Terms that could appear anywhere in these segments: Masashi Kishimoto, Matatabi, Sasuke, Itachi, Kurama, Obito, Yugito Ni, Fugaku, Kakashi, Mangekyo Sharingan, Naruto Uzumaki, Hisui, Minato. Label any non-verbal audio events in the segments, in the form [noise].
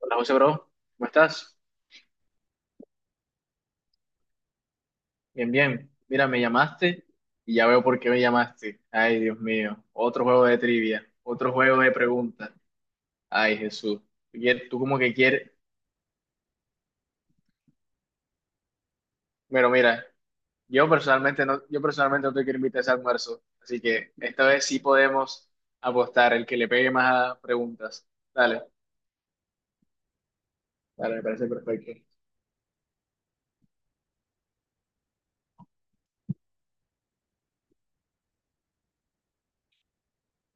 Hola José, bro, ¿cómo estás? Bien, bien. Mira, me llamaste y ya veo por qué me llamaste. Ay, Dios mío, otro juego de trivia, otro juego de preguntas. Ay, Jesús, tú como que quieres. Pero mira, yo personalmente no te quiero invitar a ese almuerzo, así que esta vez sí podemos apostar el que le pegue más a preguntas. Dale, dale, me parece perfecto.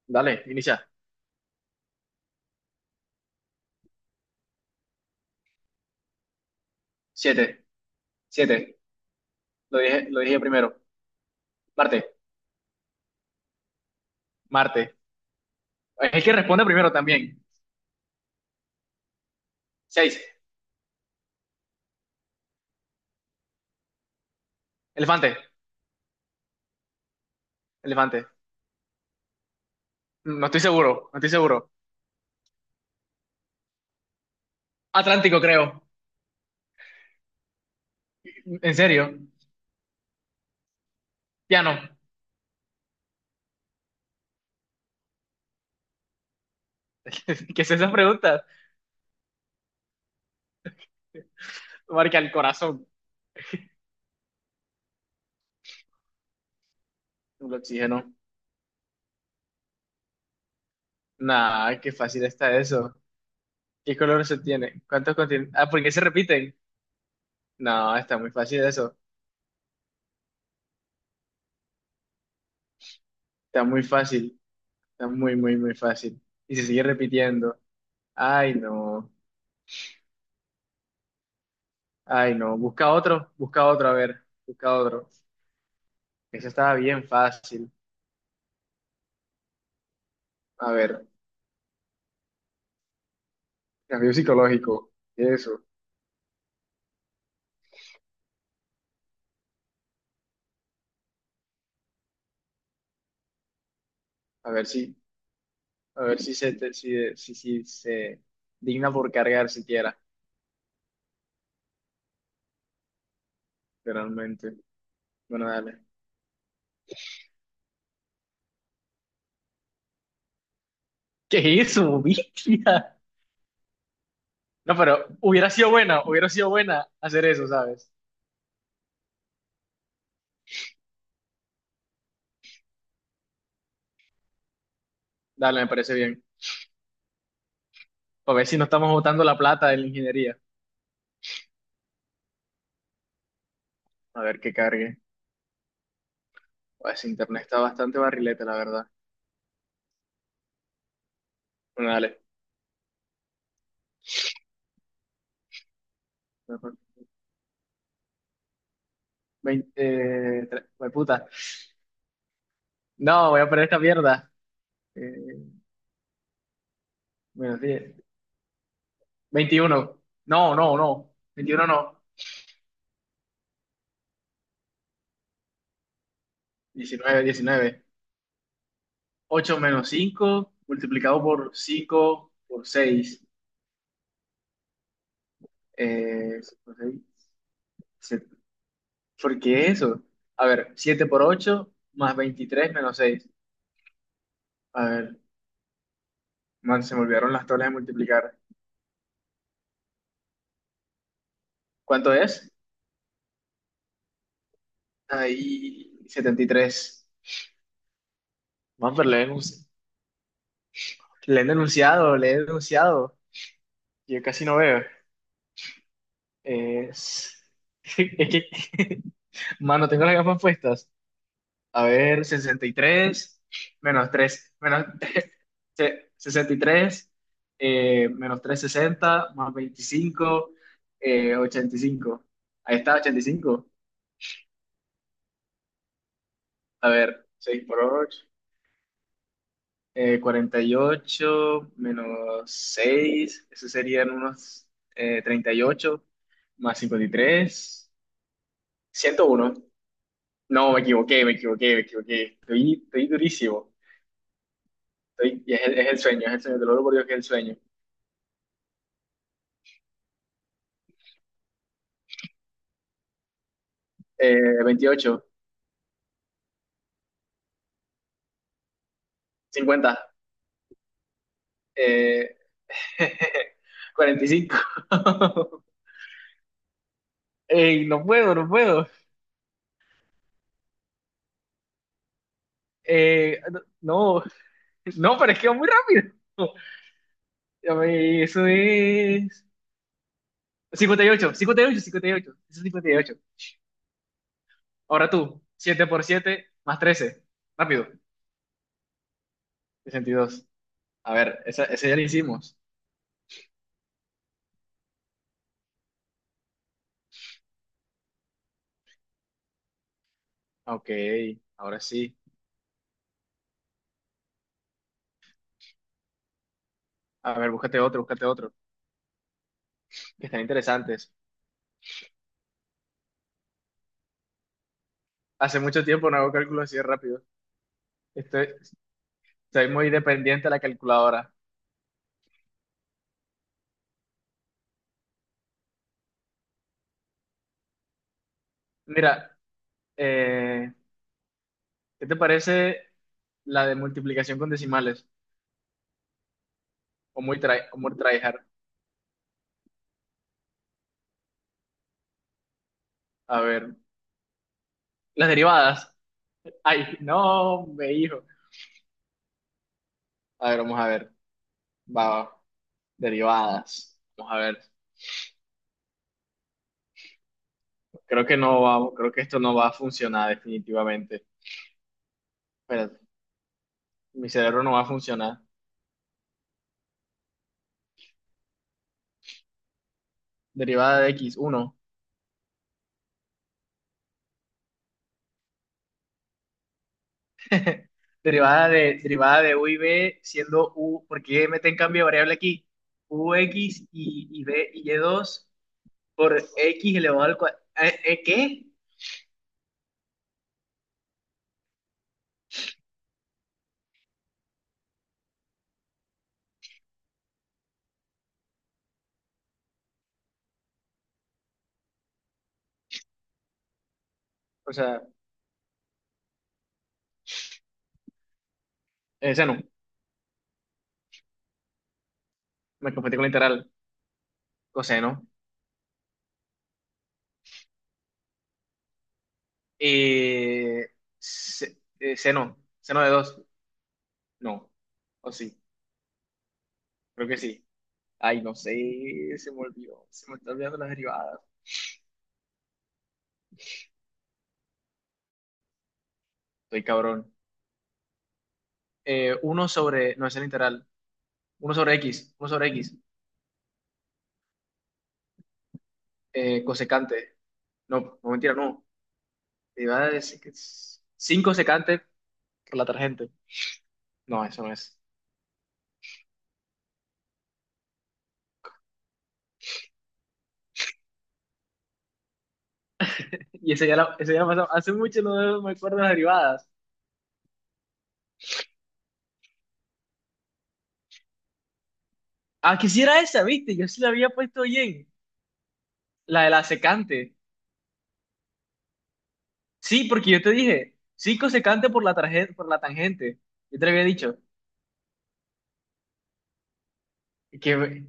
Dale, inicia. Siete, siete. Lo dije primero. Marte, Marte. Es el que responde primero también. Seis. Elefante, elefante. No estoy seguro, no estoy seguro. Atlántico, creo. ¿En serio? Piano, [laughs] no. ¿Qué es esas preguntas? Marca el corazón. El oxígeno. Nah, qué fácil está eso. ¿Qué color se tiene? ¿Cuántos continentes? Ah, ¿por qué se repiten? No, está muy fácil eso. Está muy fácil. Está muy, muy, muy fácil. Y se sigue repitiendo. Ay, no. Ay, no. Busca otro, a ver. Busca otro. Eso estaba bien fácil. A ver, cambio psicológico. Eso. A ver si. A ver si se, si se digna por cargar siquiera, realmente. Bueno, dale. ¿Qué es eso, bestia? No, pero hubiera sido buena hacer eso, ¿sabes? Dale, me parece bien. A ver si no estamos botando la plata de la ingeniería. A ver que cargue. Pues internet está bastante barrilete, la verdad. Bueno, dale. 20, jue puta. No, voy a poner esta mierda. Eh, Menos 10. 21. No, no, no. Veintiuno no. 19 19 Ocho menos 5 multiplicado por 5 por 6. Por seis. se- ¿Por qué eso? A ver, 7 por 8 más 23 menos seis. A ver, man, se me olvidaron las tablas de multiplicar. ¿Cuánto es? Ahí, 73. Man, pero le he denunciado, le he denunciado. Yo casi no veo. Es, [laughs] es que, [laughs] man, no tengo las gafas puestas. A ver, 63 menos 3 menos, [laughs] 63, menos 360 más 25, 85. Ahí está, 85. A ver, 6 por 8, 48 menos seis eso serían unos, 38 más 53 101. No, me equivoqué, me equivoqué, me equivoqué. Estoy durísimo. Y es el sueño, es el sueño, te lo juro por Dios que es el sueño. 28, 50, eh, [laughs] 45. [laughs] Ey, no puedo, no puedo. Eh, no, no, no, pero es que va muy rápido. [laughs] Ya ve, eso es 58, 58, 58. Eso es 58. Ahora tú, siete por siete más 13. Rápido, 62. A ver, esa ya la hicimos. Ok, ahora sí. A ver, búscate otro, búscate otro. Que están interesantes. Hace mucho tiempo no hago cálculos así de rápido. Este, Soy muy dependiente de la calculadora. Mira, eh, ¿qué te parece la de multiplicación con decimales? O muy tryhard. A ver, las derivadas. Ay, [laughs] no, me hijo. A ver, vamos a ver. Va, va. Derivadas. Vamos a ver. Creo que no va, creo que esto no va a funcionar definitivamente. Espérate, mi cerebro no va a funcionar. Derivada de x, uno. [laughs] Derivada de u y b siendo u, porque meten cambio de variable aquí, ux y b y y2 por x elevado al cuadrado. ¿Qué? O sea, seno, me confundí con la integral, coseno. Eh, seno de dos, no, o sí, creo que sí. Ay, no sé, se me olvidó, se me está olvidando las derivadas. Estoy cabrón. 1 sobre, no es el integral, uno sobre x. Cosecante. No, no, mentira, no. Te iba a decir que es cinco secantes por la tarjeta. No, eso no es. Y ese ya la pasamos. Hace mucho no me acuerdo de las derivadas. Ah, quisiera esa, ¿viste? Yo sí la había puesto bien. La de la secante. Sí, porque yo te dije, cinco secante por la tarjeta, por la tangente. Yo te lo había dicho. Y que,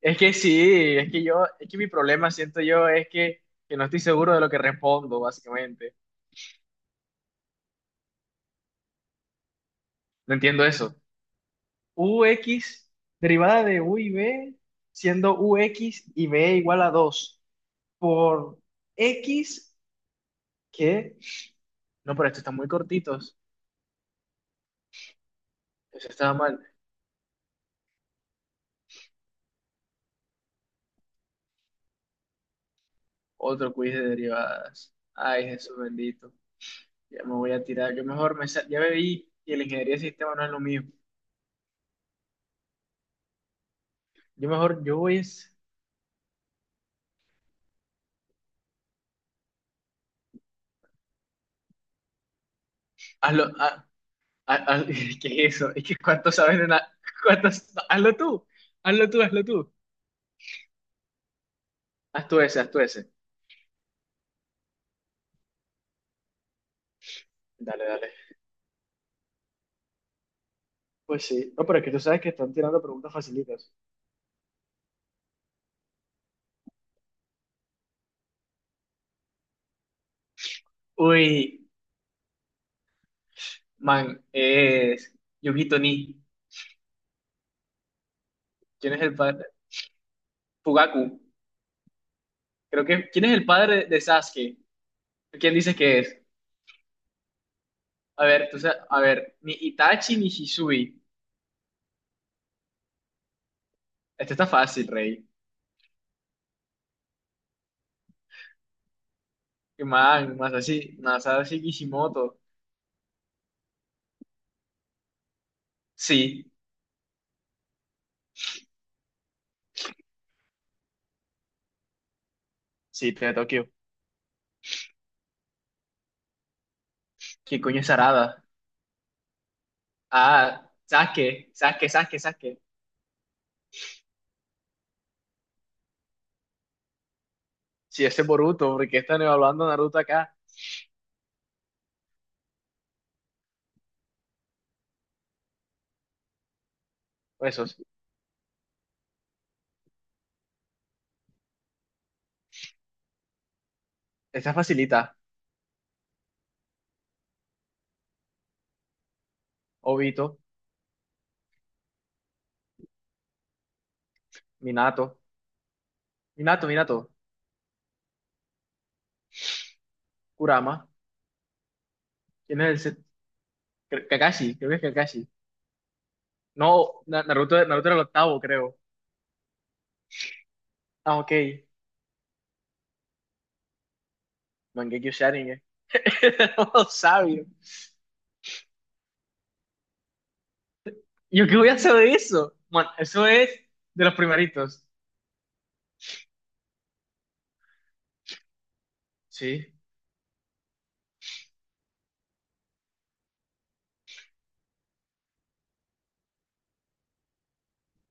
es que sí, es que yo, es que mi problema, siento yo, es que no estoy seguro de lo que respondo, básicamente. No entiendo eso. UX derivada de U y B, siendo u x y B igual a 2 por X que... No, pero estos están muy cortitos. Eso estaba mal. Otro quiz de derivadas. Ay, Jesús bendito. Ya me voy a tirar. Yo mejor me... Ya me vi y la ingeniería de sistemas no es lo mío. Yo mejor, yo voy es... Hazlo... [laughs] ¿Qué es eso? Es que cuánto sabes de nada. ¿Cuántos... Hazlo tú. Hazlo tú, hazlo tú. Haz tú ese, haz tú ese. Dale, dale. Pues sí, no, pero es que tú sabes que están tirando preguntas facilitas. Uy, man, es Yugito Ni. ¿Quién es el padre? Fugaku. Creo que. ¿Quién es el padre de Sasuke? ¿Quién dice que es? A ver, tú sabes a ver, ni Itachi ni Hisui. Este está fácil, rey. Y man, Masashi Kishimoto. Sí, sí, te Tokio. ¿Qué coño es Arada? Ah, Sasuke, Sasuke, Sasuke, Sasuke. Sí, ese es Boruto, porque están evaluando a Naruto acá. Pues eso, esta facilita, Obito. Minato. Minato, Minato. Kurama. ¿Quién es el set- Cre- Kakashi, creo que es Kakashi. No, Naruto era el octavo, creo. Ah, ok. Mangekyo Sharingan. [laughs] Oh, sabio. ¿Yo qué voy a hacer de eso? Bueno, eso es de los primeritos. Sí,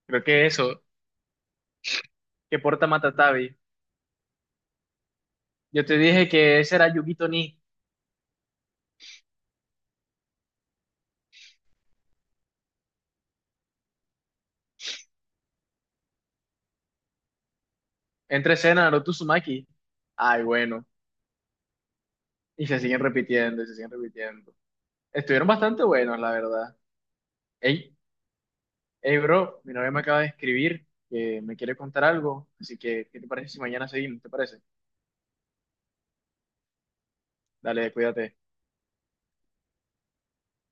creo que eso, que porta Matatabi. Yo te dije que ese era Yugito Ni. Entre escena, Naruto Uzumaki. Ay, bueno. Y se siguen repitiendo, y se siguen repitiendo. Estuvieron bastante buenos, la verdad. Ey, Hey, bro, mi novia me acaba de escribir que me quiere contar algo, así que, ¿qué te parece si mañana seguimos? ¿Te parece? Dale, cuídate.